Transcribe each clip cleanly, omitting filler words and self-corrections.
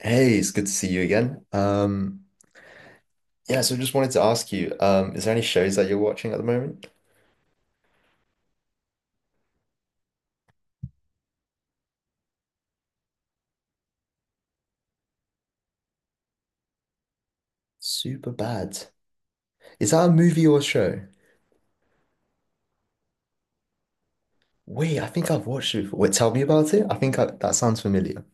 Hey, it's good to see you again. Yeah, so just wanted to ask you, is there any shows that you're watching at the moment? Super bad. Is that a movie or a show? Wait, I think I've watched it before. Wait, tell me about it. That sounds familiar.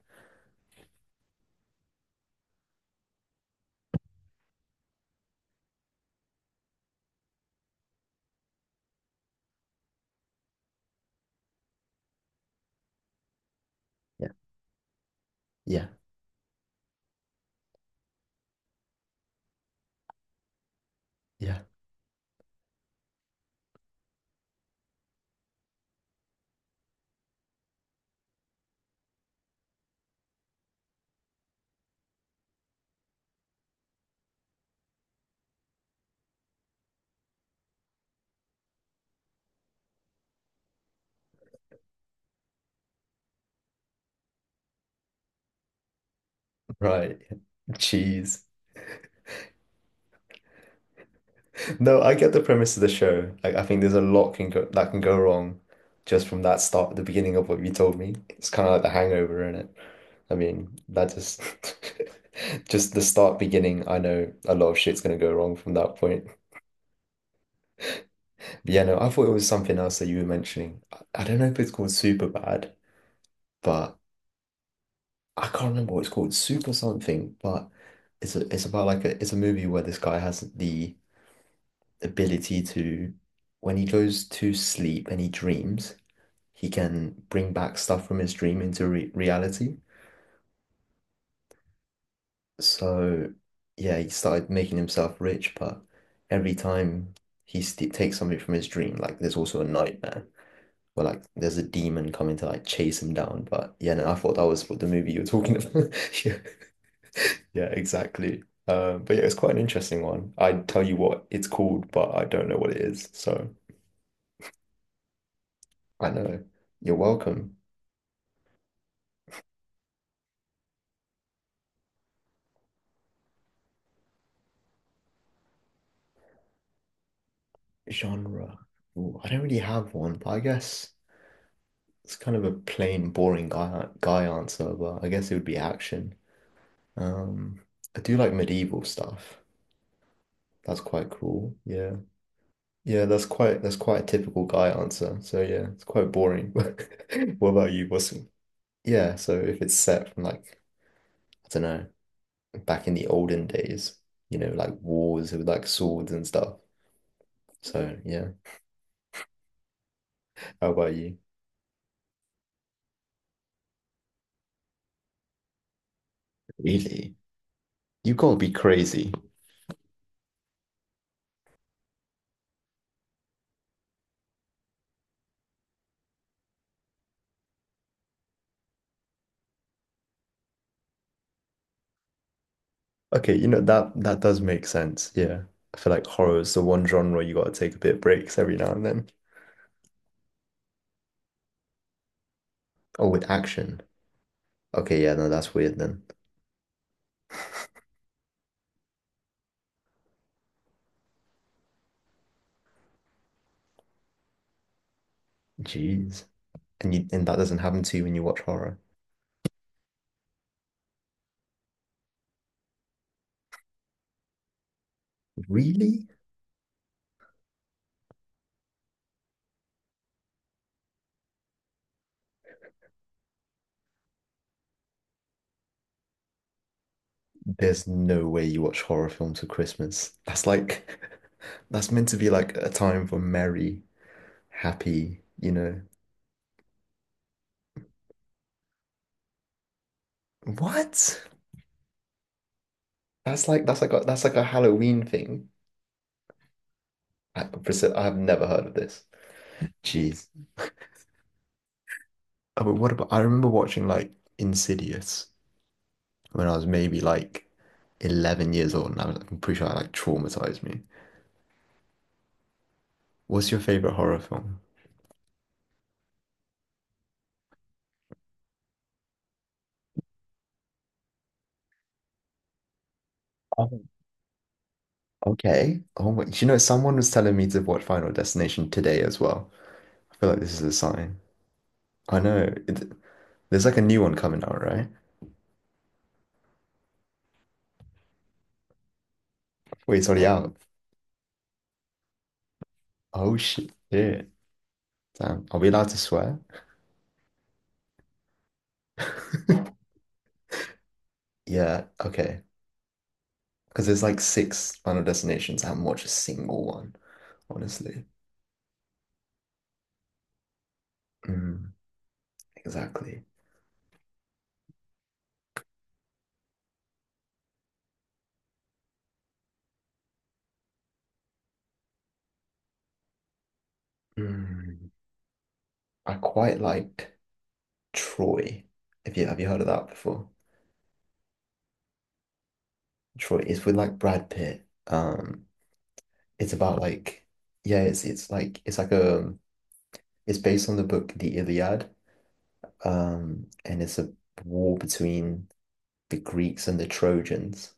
Yeah, yeah, yeah. Right. cheese. No, I get the premise of the show. Like, I think there's a lot can go wrong just from the beginning of what you told me. It's kind of like the hangover, isn't it? I mean, that just just the start beginning, I know a lot of shit's gonna go wrong from that point. But yeah, no, I thought it was something else that you were mentioning. I don't know if it's called Super Bad, but I can't remember what it's called, Super something, but it's about like a it's a movie where this guy has the ability to when he goes to sleep and he dreams he can bring back stuff from his dream into re reality. So, yeah, he started making himself rich, but every time he st takes something from his dream, like there's also a nightmare where like there's a demon coming to like chase him down. But yeah, no, I thought that was what the movie you were talking about. Yeah, yeah, exactly. But yeah, it's quite an interesting one. I'd tell you what it's called, but I don't know what it is. So I know. You're welcome. Genre. Ooh, I don't really have one, but I guess. It's kind of a plain, boring guy answer, but I guess it would be action. Um, I do like medieval stuff. That's quite cool. Yeah. Yeah, that's quite a typical guy answer. So yeah, it's quite boring. What about you? What's yeah, so if it's set from like, I don't know, back in the olden days, you know, like wars with like swords and stuff. So yeah. How about you? Really? You gotta be crazy. Okay, you know that that does make sense. Yeah. I feel like horror is the one genre you gotta take a bit of breaks every now and then. Oh, with action. Okay, yeah, no, that's weird then. Jeez. And that doesn't happen to you when you watch horror. Really? There's no way you watch horror films for Christmas. That's like that's meant to be like a time for merry, happy, you know. What? That's like a Halloween thing. I, Priscilla, I have never heard of this. Jeez. Oh, but what about, I remember watching like Insidious when I was maybe like 11 years old, I'm pretty sure I like traumatized me. What's your favorite horror film? Oh, okay. Oh, wait. You know, someone was telling me to watch Final Destination today as well. I feel like this is a sign. I know. There's like a new one coming out, right? Wait, it's already out. Oh, shit. Yeah. Damn. Are we allowed to swear? Yeah. Okay. Because there's like six Final Destinations. I haven't watched a single one, honestly. Mm. Exactly. Mm. I quite liked Troy. If you have you heard of that before? Troy is with like Brad Pitt. It's about like yeah, it's like a it's based on the book The Iliad. And it's a war between the Greeks and the Trojans.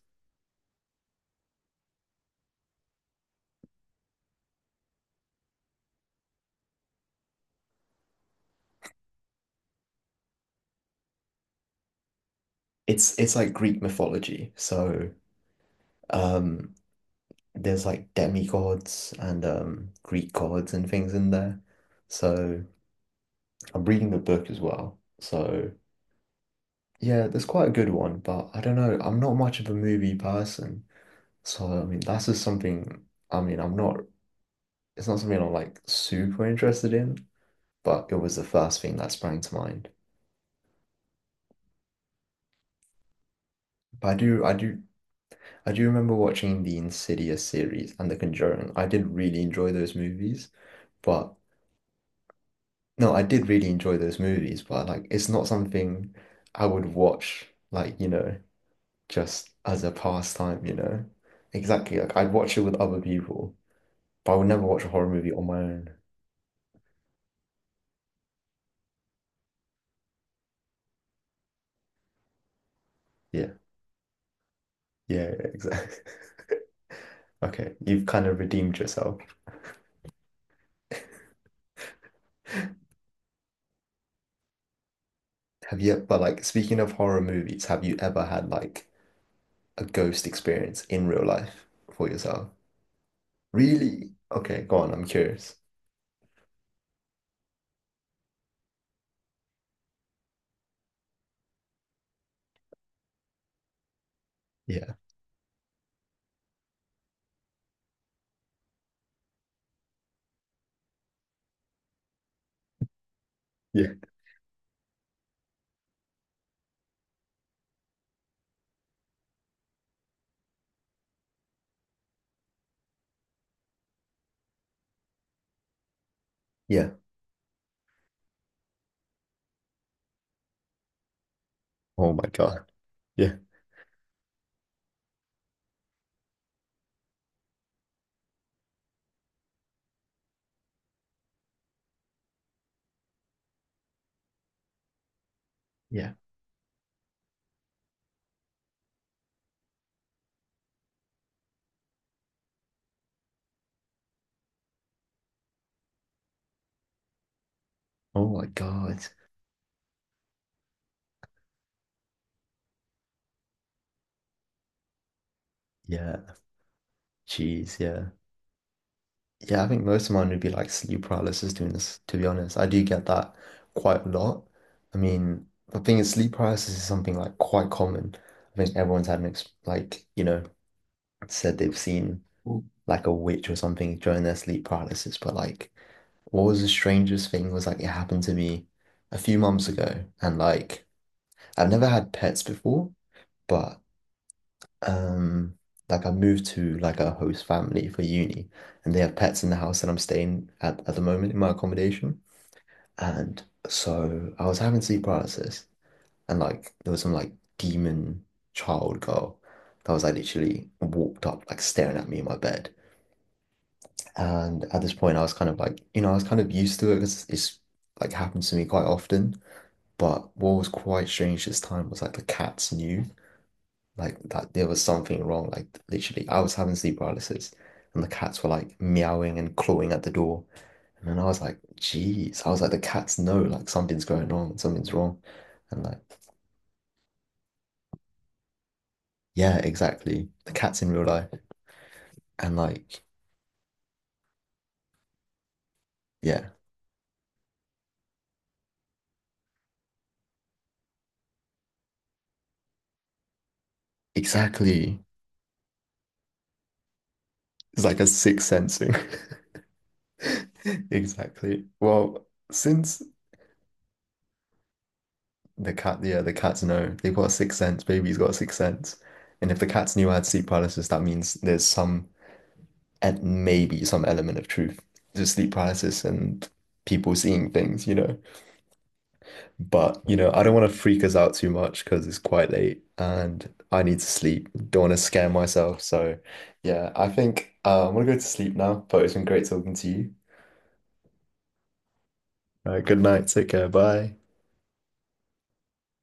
It's like Greek mythology. So um there's like demigods and Greek gods and things in there. So I'm reading the book as well. So yeah, that's quite a good one, but I don't know. I'm not much of a movie person. So, I mean, I'm not, it's not something I'm like super interested in, but it was the first thing that sprang to mind. But I do remember watching the Insidious series and The Conjuring. I did really enjoy those movies, but no, I did really enjoy those movies, but like, it's not something I would watch, like, you know, just as a pastime, you know? Exactly. Like, I'd watch it with other people. But I would never watch a horror movie on my own. Yeah. Yeah, exactly. Okay. You've kind of redeemed yourself. Have you, but like speaking of horror movies, have you ever had like a ghost experience in real life for yourself? Really? Okay, go on. I'm curious. Yeah. Yeah. Yeah. Oh my God. Yeah. Yeah. Oh my God. Yeah. Jeez. Yeah. Yeah, I think most of mine would be like sleep paralysis doing this, to be honest. I do get that quite a lot. I mean, the thing is, sleep paralysis is something like quite common. I think everyone's had an ex like, you know, said they've seen like a witch or something during their sleep paralysis. But like, what was the strangest thing was like, it happened to me a few months ago. And like, I've never had pets before, but um like I moved to like a host family for uni and they have pets in the house that I'm staying at the moment in my accommodation. And so I was having sleep paralysis and like there was some like demon child girl that was like literally walked up like staring at me in my bed. And at this point I was kind of like, you know, I was kind of used to it because it's like happens to me quite often. But what was quite strange this time was like the cats knew like that there was something wrong. Like literally, I was having sleep paralysis, and the cats were like meowing and clawing at the door. And then I was like, "Jeez!" I was like, "The cats know like something's going on, something's wrong," and like, yeah, exactly. The cats in real life, and like, yeah, exactly. It's like a sixth sensing. Exactly. Well, since yeah, the cats know they've got a sixth sense. Baby's got a sixth sense, and if the cats knew I had sleep paralysis, that means there's some and maybe some element of truth to sleep paralysis and people seeing things, you know. But, you know, I don't want to freak us out too much because it's quite late and I need to sleep. Don't want to scare myself. So, yeah, I think I'm gonna go to sleep now, but it's been great talking to you. All right, good night. Take care. Bye.